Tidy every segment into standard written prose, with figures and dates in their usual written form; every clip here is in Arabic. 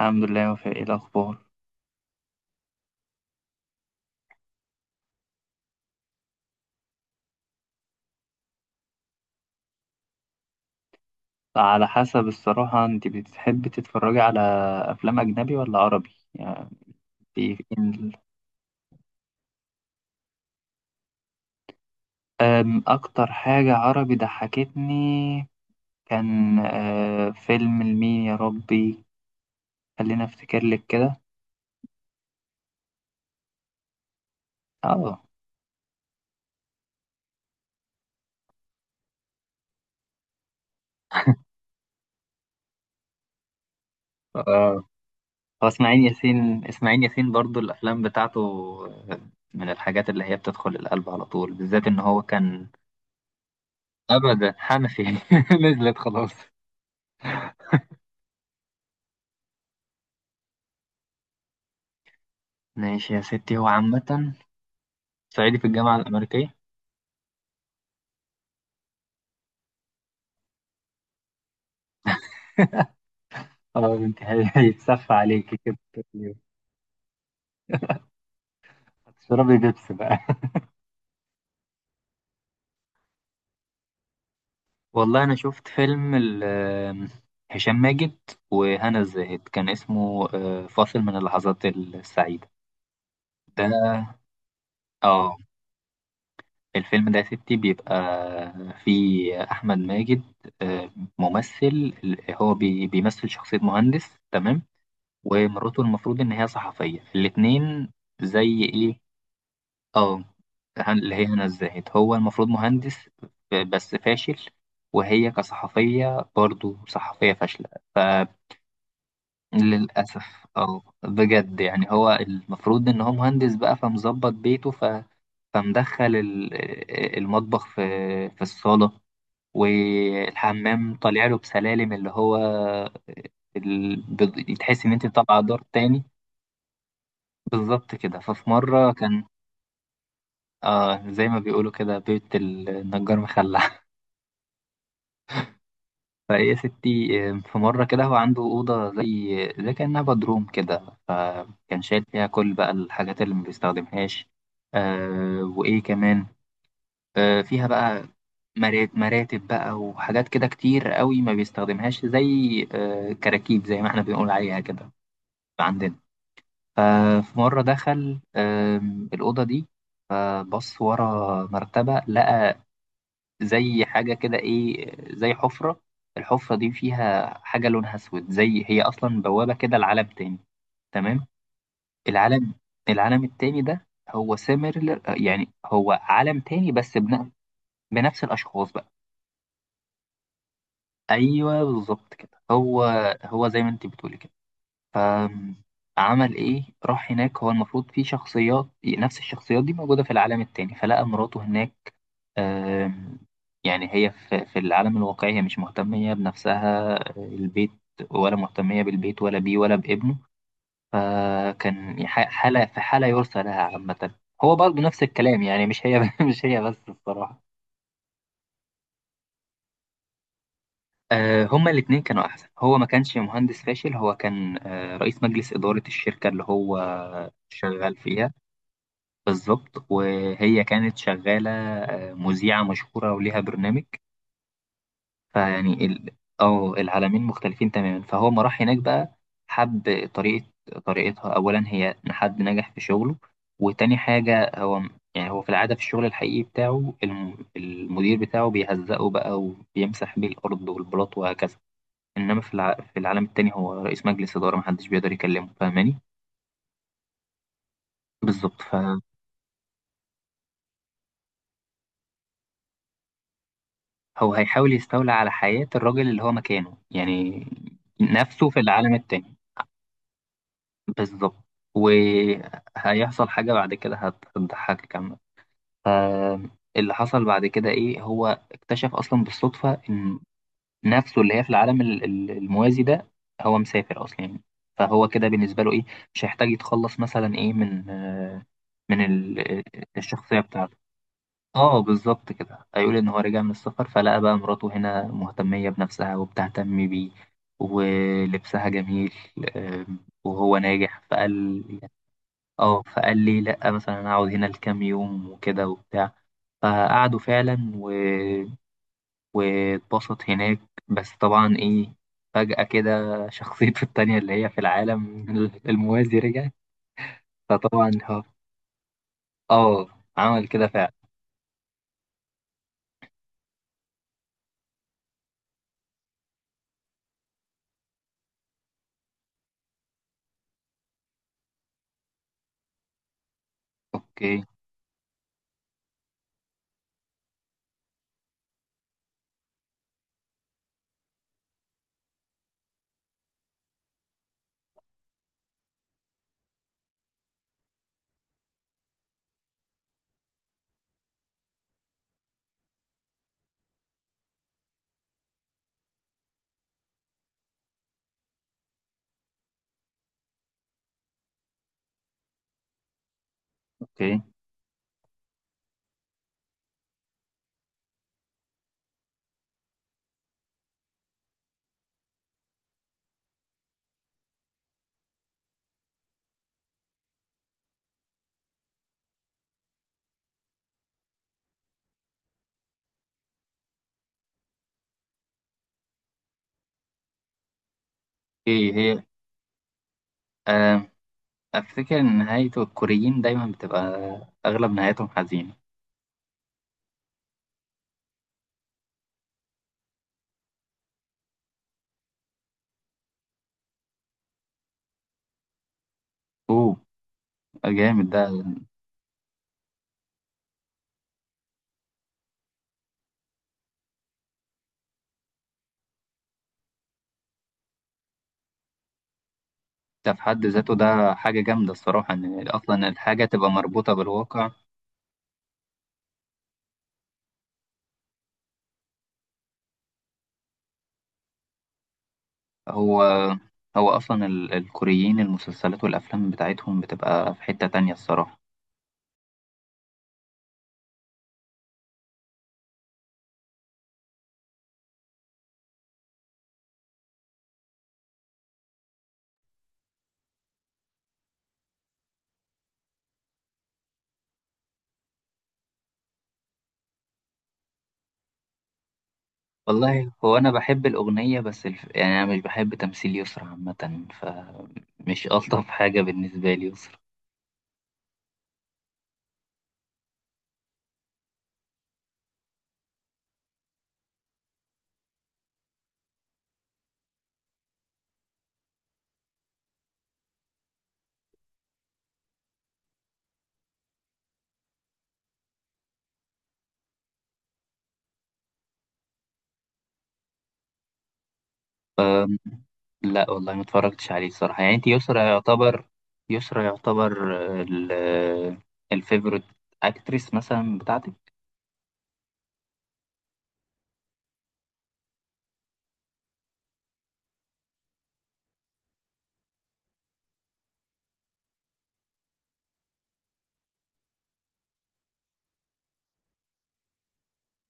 الحمد لله وفاء، ايه الاخبار؟ على حسب، الصراحه انت بتحبي تتفرجي على افلام اجنبي ولا عربي يعني؟ في إن- اكتر حاجه عربي ضحكتني كان فيلم لمين يا ربي؟ خلينا افتكر لك كده. اه. آه، هو اسماعيل ياسين. اسماعيل ياسين برضو الافلام بتاعته آه، من الحاجات اللي هي بتدخل القلب على طول، بالذات ان هو كان. ابدا حنفي نزلت خلاص. ماشي يا ستي، هو عامة صعيدي في الجامعة الأمريكية. اه انت هيتصفى عليك كده اليوم. هتشربي بيبس بقى والله أنا شفت فيلم هشام ماجد وهنا الزاهد، كان اسمه فاصل من اللحظات السعيدة. ده اه الفيلم ده يا ستي بيبقى فيه أحمد ماجد، آه، ممثل. هو بيمثل شخصية مهندس، تمام، ومراته المفروض إن هي صحفية، الاتنين زي إيه. اه، اللي هي هنا الزاهد، هو المفروض مهندس بس فاشل، وهي كصحفية برضو صحفية فاشلة. فللأسف اه بجد، يعني هو المفروض إن هو مهندس بقى، فمظبط بيته ف... فمدخل المطبخ في في الصالة، والحمام طالع له بسلالم اللي هو ال... تحس إن أنت طالعة دور تاني. بالظبط كده. ففي مرة كان آه، زي ما بيقولوا كده بيت النجار مخلع. فهي ستي في مرة كده هو عنده أوضة زي كأنها بدروم كده، فكان شايل فيها كل بقى الحاجات اللي ما بيستخدمهاش. آه وإيه كمان، آه فيها بقى مراتب بقى وحاجات كده كتير قوي ما بيستخدمهاش، زي آه كراكيب زي ما احنا بنقول عليها كده عندنا. ففي مرة دخل آه الأوضة دي، فبص ورا مرتبة لقى زي حاجة كده إيه، زي حفرة. الحفرة دي فيها حاجة لونها أسود، زي هي أصلا بوابة كده لعالم تاني، تمام. العالم العالم التاني ده هو سيميلر، يعني هو عالم تاني بس بنفس الأشخاص بقى. أيوه بالظبط كده هو، هو زي ما أنت بتقولي كده. فعمل إيه؟ راح هناك. هو المفروض في شخصيات، نفس الشخصيات دي موجودة في العالم التاني، فلقى مراته هناك. آم، يعني هي في في العالم الواقعي هي مش مهتمية بنفسها البيت، ولا مهتمية بالبيت ولا بيه ولا بابنه. فكان حالة في حالة يرثى لها عامة. هو برضه نفس الكلام، يعني مش هي مش هي بس الصراحة. هما الاتنين كانوا أحسن. هو ما كانش مهندس فاشل، هو كان رئيس مجلس إدارة الشركة اللي هو شغال فيها. بالظبط. وهي كانت شغالة مذيعة مشهورة وليها برنامج. فيعني ال... اه العالمين مختلفين تماما. فهو ما راح هناك بقى، حب طريقتها، أولا هي إن حد نجح في شغله، وتاني حاجة هو، يعني هو في العادة في الشغل الحقيقي بتاعه الم... المدير بتاعه بيهزقه بقى وبيمسح بيه الأرض والبلاط وهكذا. إنما في، الع... في العالم التاني هو رئيس مجلس إدارة، محدش بيقدر يكلمه، فاهماني؟ بالظبط. فهو هيحاول يستولى على حياة الراجل اللي هو مكانه، يعني نفسه في العالم التاني. بالظبط. وهيحصل حاجة بعد كده هتضحكك كمان. فاللي حصل بعد كده إيه، هو اكتشف أصلا بالصدفة إن نفسه اللي هي في العالم الموازي ده هو مسافر أصلا يعني. فهو كده بالنسبة له إيه، مش هيحتاج يتخلص مثلا إيه من من الشخصية بتاعته. اه بالظبط كده، هيقول ان هو رجع من السفر، فلقى بقى مراته هنا مهتمية بنفسها وبتهتم بيه ولبسها جميل، آم، وهو ناجح. فقال اه، فقال لي لا مثلا انا هقعد هنا لكام يوم وكده وبتاع. فقعدوا فعلا و... واتبسط هناك. بس طبعا ايه، فجأة كده شخصيته التانية اللي هي في العالم الموازي رجعت. فطبعا اه، اه عمل كده فعلا. اوكي. اوكي. ايه هي؟ آه، افتكر ان نهايته، الكوريين دايما بتبقى اغلب نهايتهم حزينة. اوه جامد ده. ده في حد ذاته ده حاجة جامدة الصراحة، ان اصلا الحاجة تبقى مربوطة بالواقع. هو هو أصلا الكوريين المسلسلات والأفلام بتاعتهم بتبقى في حتة تانية الصراحة. والله هو أنا بحب الأغنية بس الف... يعني أنا مش بحب تمثيل يسرا عامة، فمش ألطف حاجة بالنسبة لي يسرا. لا والله ما اتفرجتش عليه الصراحة. يعني أنت يسرا يعتبر، يسرا يعتبر ال... الفيفوريت أكتريس مثلا بتاعتك؟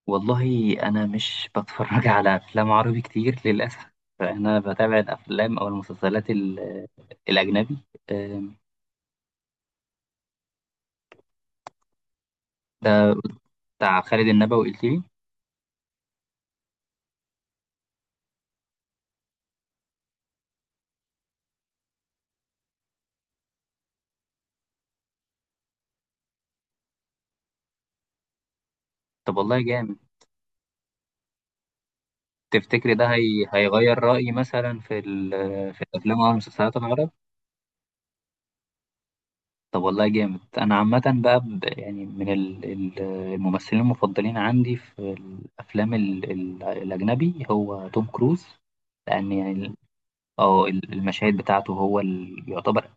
والله انا مش بتفرج على افلام عربي كتير للاسف. انا بتابع الافلام او المسلسلات الاجنبي. أم، ده بتاع خالد النبوي قلت لي؟ طب والله جامد. تفتكري ده هيغير رايي مثلا في ال... في الافلام او المسلسلات العرب؟ طب والله جامد. انا عامه بقى ب... يعني من الممثلين المفضلين عندي في الافلام الاجنبي هو توم كروز، لان يعني ال- اه المشاهد بتاعته هو ال... يعتبر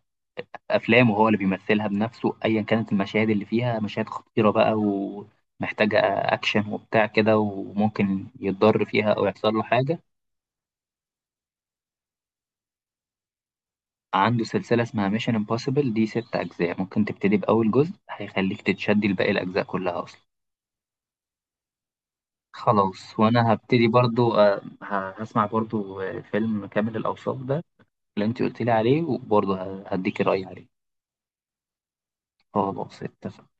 افلام وهو اللي بيمثلها بنفسه، ايا كانت المشاهد اللي فيها مشاهد خطيره بقى ومحتاجه اكشن وبتاع كده، وممكن يتضر فيها او يحصل له حاجه. عنده سلسله اسمها ميشن امبوسيبل، دي 6 اجزاء، ممكن تبتدي باول جزء هيخليك تتشدي لباقي الاجزاء كلها اصلا. خلاص. وانا هبتدي برضو هسمع برضو فيلم كامل الاوصاف ده اللي انت قلت لي عليه، وبرضو هديكي رايي عليه. خلاص اتفقنا.